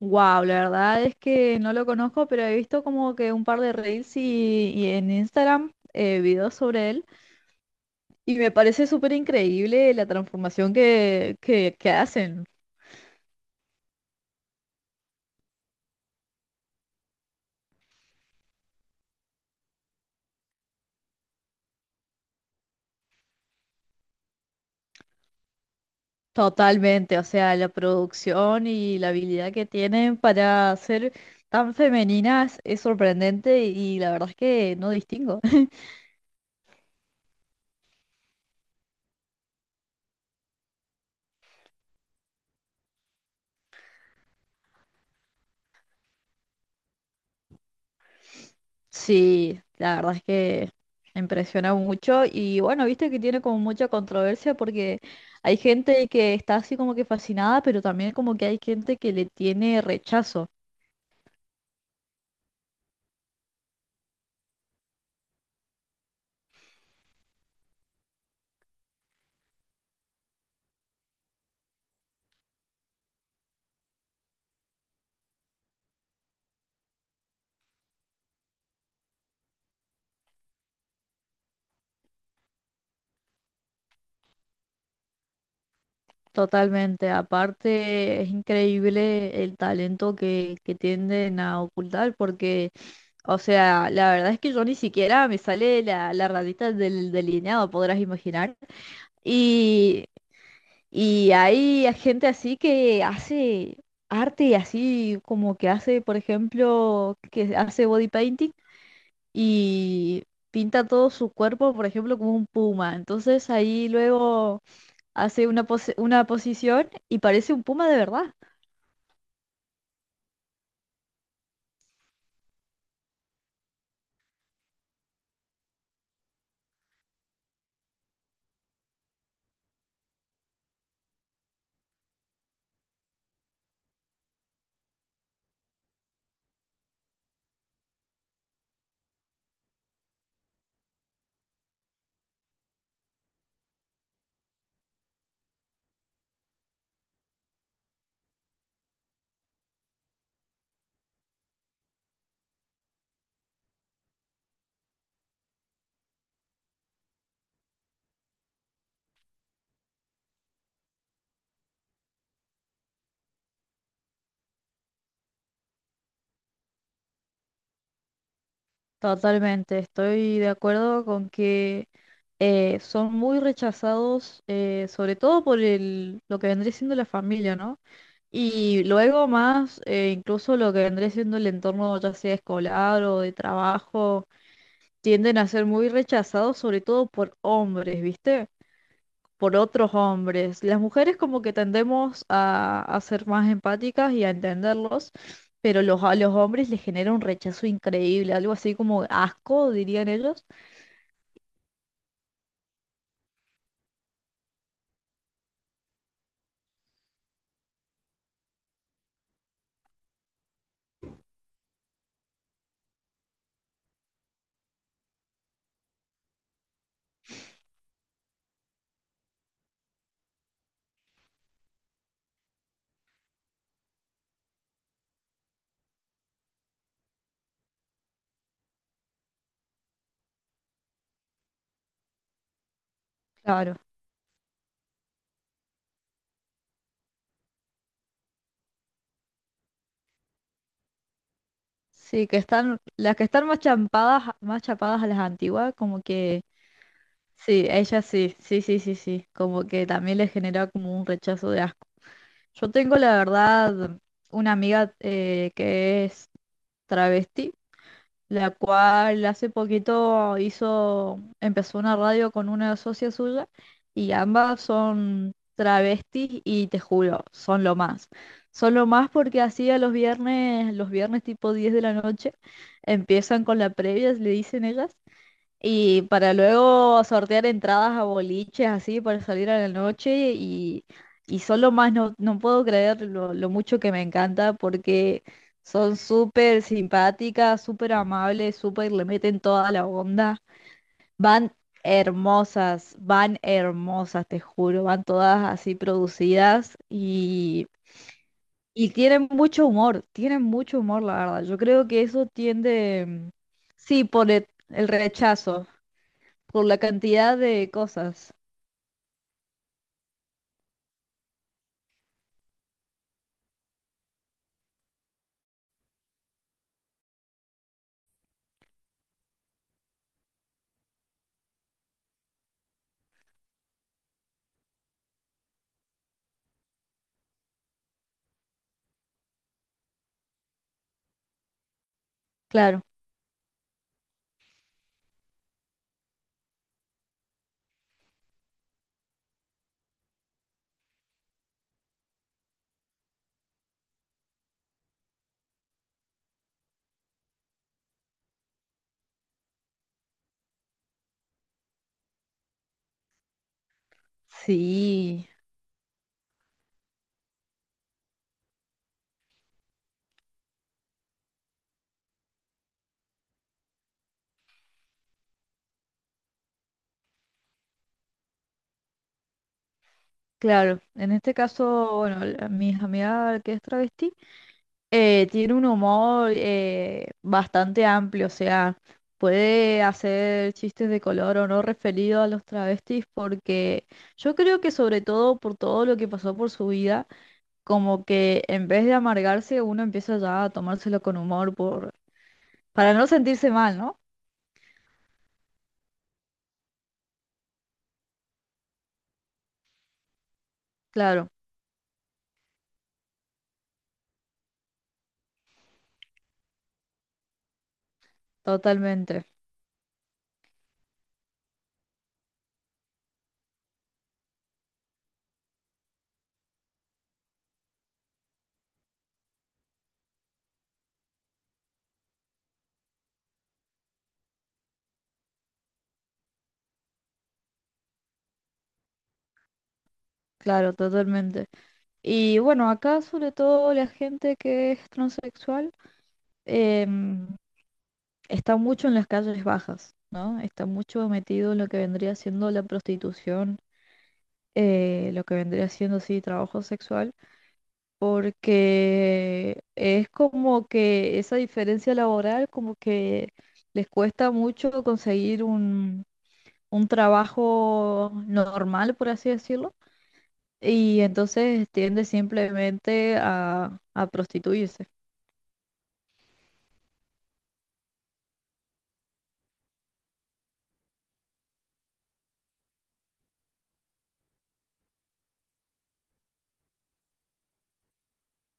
Wow, la verdad es que no lo conozco, pero he visto como que un par de reels y, en Instagram videos sobre él y me parece súper increíble la transformación que hacen totalmente. O sea, la producción y la habilidad que tienen para ser tan femeninas es sorprendente y la verdad es que no distingo. Sí, la verdad es que impresiona mucho y bueno, viste que tiene como mucha controversia porque hay gente que está así como que fascinada, pero también como que hay gente que le tiene rechazo totalmente. Aparte, es increíble el talento que tienden a ocultar porque, o sea, la verdad es que yo ni siquiera me sale la ratita del delineado, podrás imaginar. Y Y hay gente así que hace arte así como que hace, por ejemplo, que hace body painting y pinta todo su cuerpo, por ejemplo, como un puma. Entonces ahí luego hace una una posición y parece un puma de verdad. Totalmente, estoy de acuerdo con que son muy rechazados, sobre todo por el, lo que vendría siendo la familia, ¿no? Y luego más, incluso lo que vendría siendo el entorno ya sea escolar o de trabajo, tienden a ser muy rechazados, sobre todo por hombres, ¿viste? Por otros hombres. Las mujeres como que tendemos a ser más empáticas y a entenderlos, pero los, a los hombres les genera un rechazo increíble, algo así como asco, dirían ellos. Claro. Sí, que están, las que están más champadas, más chapadas a las antiguas, como que sí, ella sí, sí, sí, sí, sí, como que también le genera como un rechazo de asco. Yo tengo la verdad una amiga que es travesti, la cual hace poquito hizo, empezó una radio con una socia suya y ambas son travestis y te juro, son lo más. Son lo más porque así a los viernes tipo 10 de la noche, empiezan con la previa, le dicen ellas. Y para luego sortear entradas a boliches así para salir a la noche y solo más no, no puedo creer lo mucho que me encanta porque son súper simpáticas, súper amables, súper le meten toda la onda. Van van hermosas, te juro, van todas así producidas y tienen mucho humor, la verdad. Yo creo que eso tiende, sí, por el rechazo por la cantidad de cosas. Claro, sí, claro. En este caso, bueno, mi amiga que es travesti tiene un humor bastante amplio, o sea, puede hacer chistes de color o no referido a los travestis porque yo creo que sobre todo por todo lo que pasó por su vida, como que en vez de amargarse uno empieza ya a tomárselo con humor por... Para no sentirse mal, ¿no? Claro, totalmente. Claro, totalmente. Y bueno, acá sobre todo la gente que es transexual em, está mucho en las calles bajas, ¿no? Está mucho metido en lo que vendría siendo la prostitución, lo que vendría siendo, sí, trabajo sexual, porque es como que esa diferencia laboral como que les cuesta mucho conseguir un trabajo normal, por así decirlo, y entonces tiende simplemente a prostituirse.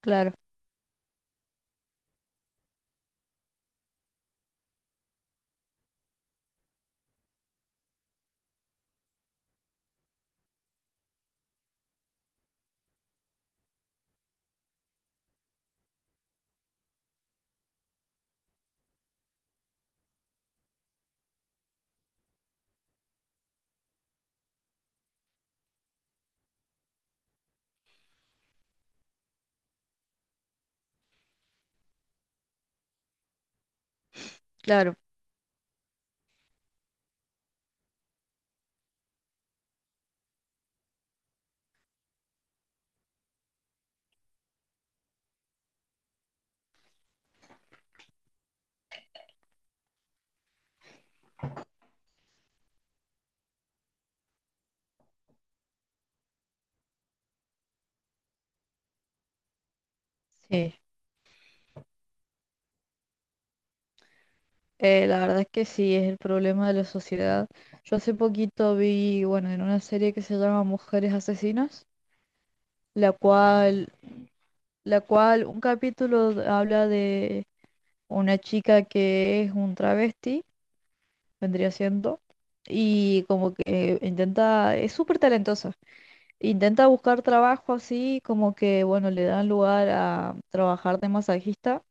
Claro, claro, sí. La verdad es que sí, es el problema de la sociedad. Yo hace poquito vi, bueno, en una serie que se llama Mujeres Asesinas, la cual, la cual un capítulo habla de una chica que es un travesti, vendría siendo, y como que intenta, es súper talentosa, intenta buscar trabajo así, como que, bueno, le dan lugar a trabajar de masajista.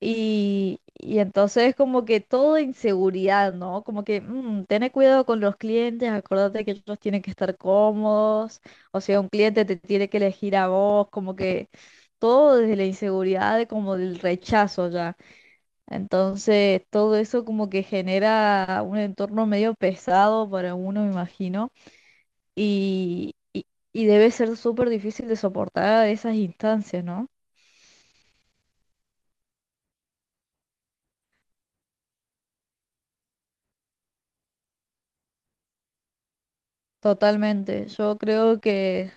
Y entonces como que todo inseguridad, ¿no? Como que "Mm, tené cuidado con los clientes, acordate que ellos tienen que estar cómodos, o sea, un cliente te tiene que elegir a vos, como que todo desde la inseguridad, de como del rechazo ya. Entonces todo eso como que genera un entorno medio pesado para uno, me imagino, y, y, y debe ser súper difícil de soportar esas instancias, ¿no? Totalmente. Yo creo que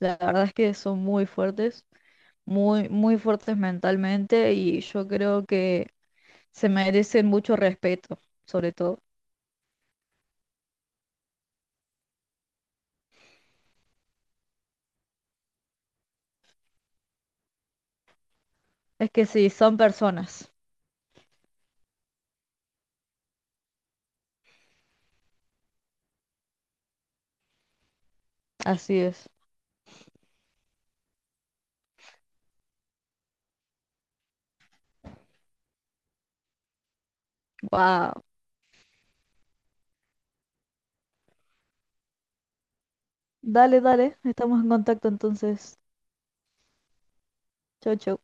la verdad es que son muy fuertes, muy, muy fuertes mentalmente y yo creo que se merecen mucho respeto, sobre todo. Es que sí, son personas. Así es. Wow. Dale, dale. Estamos en contacto entonces. Chau, chau.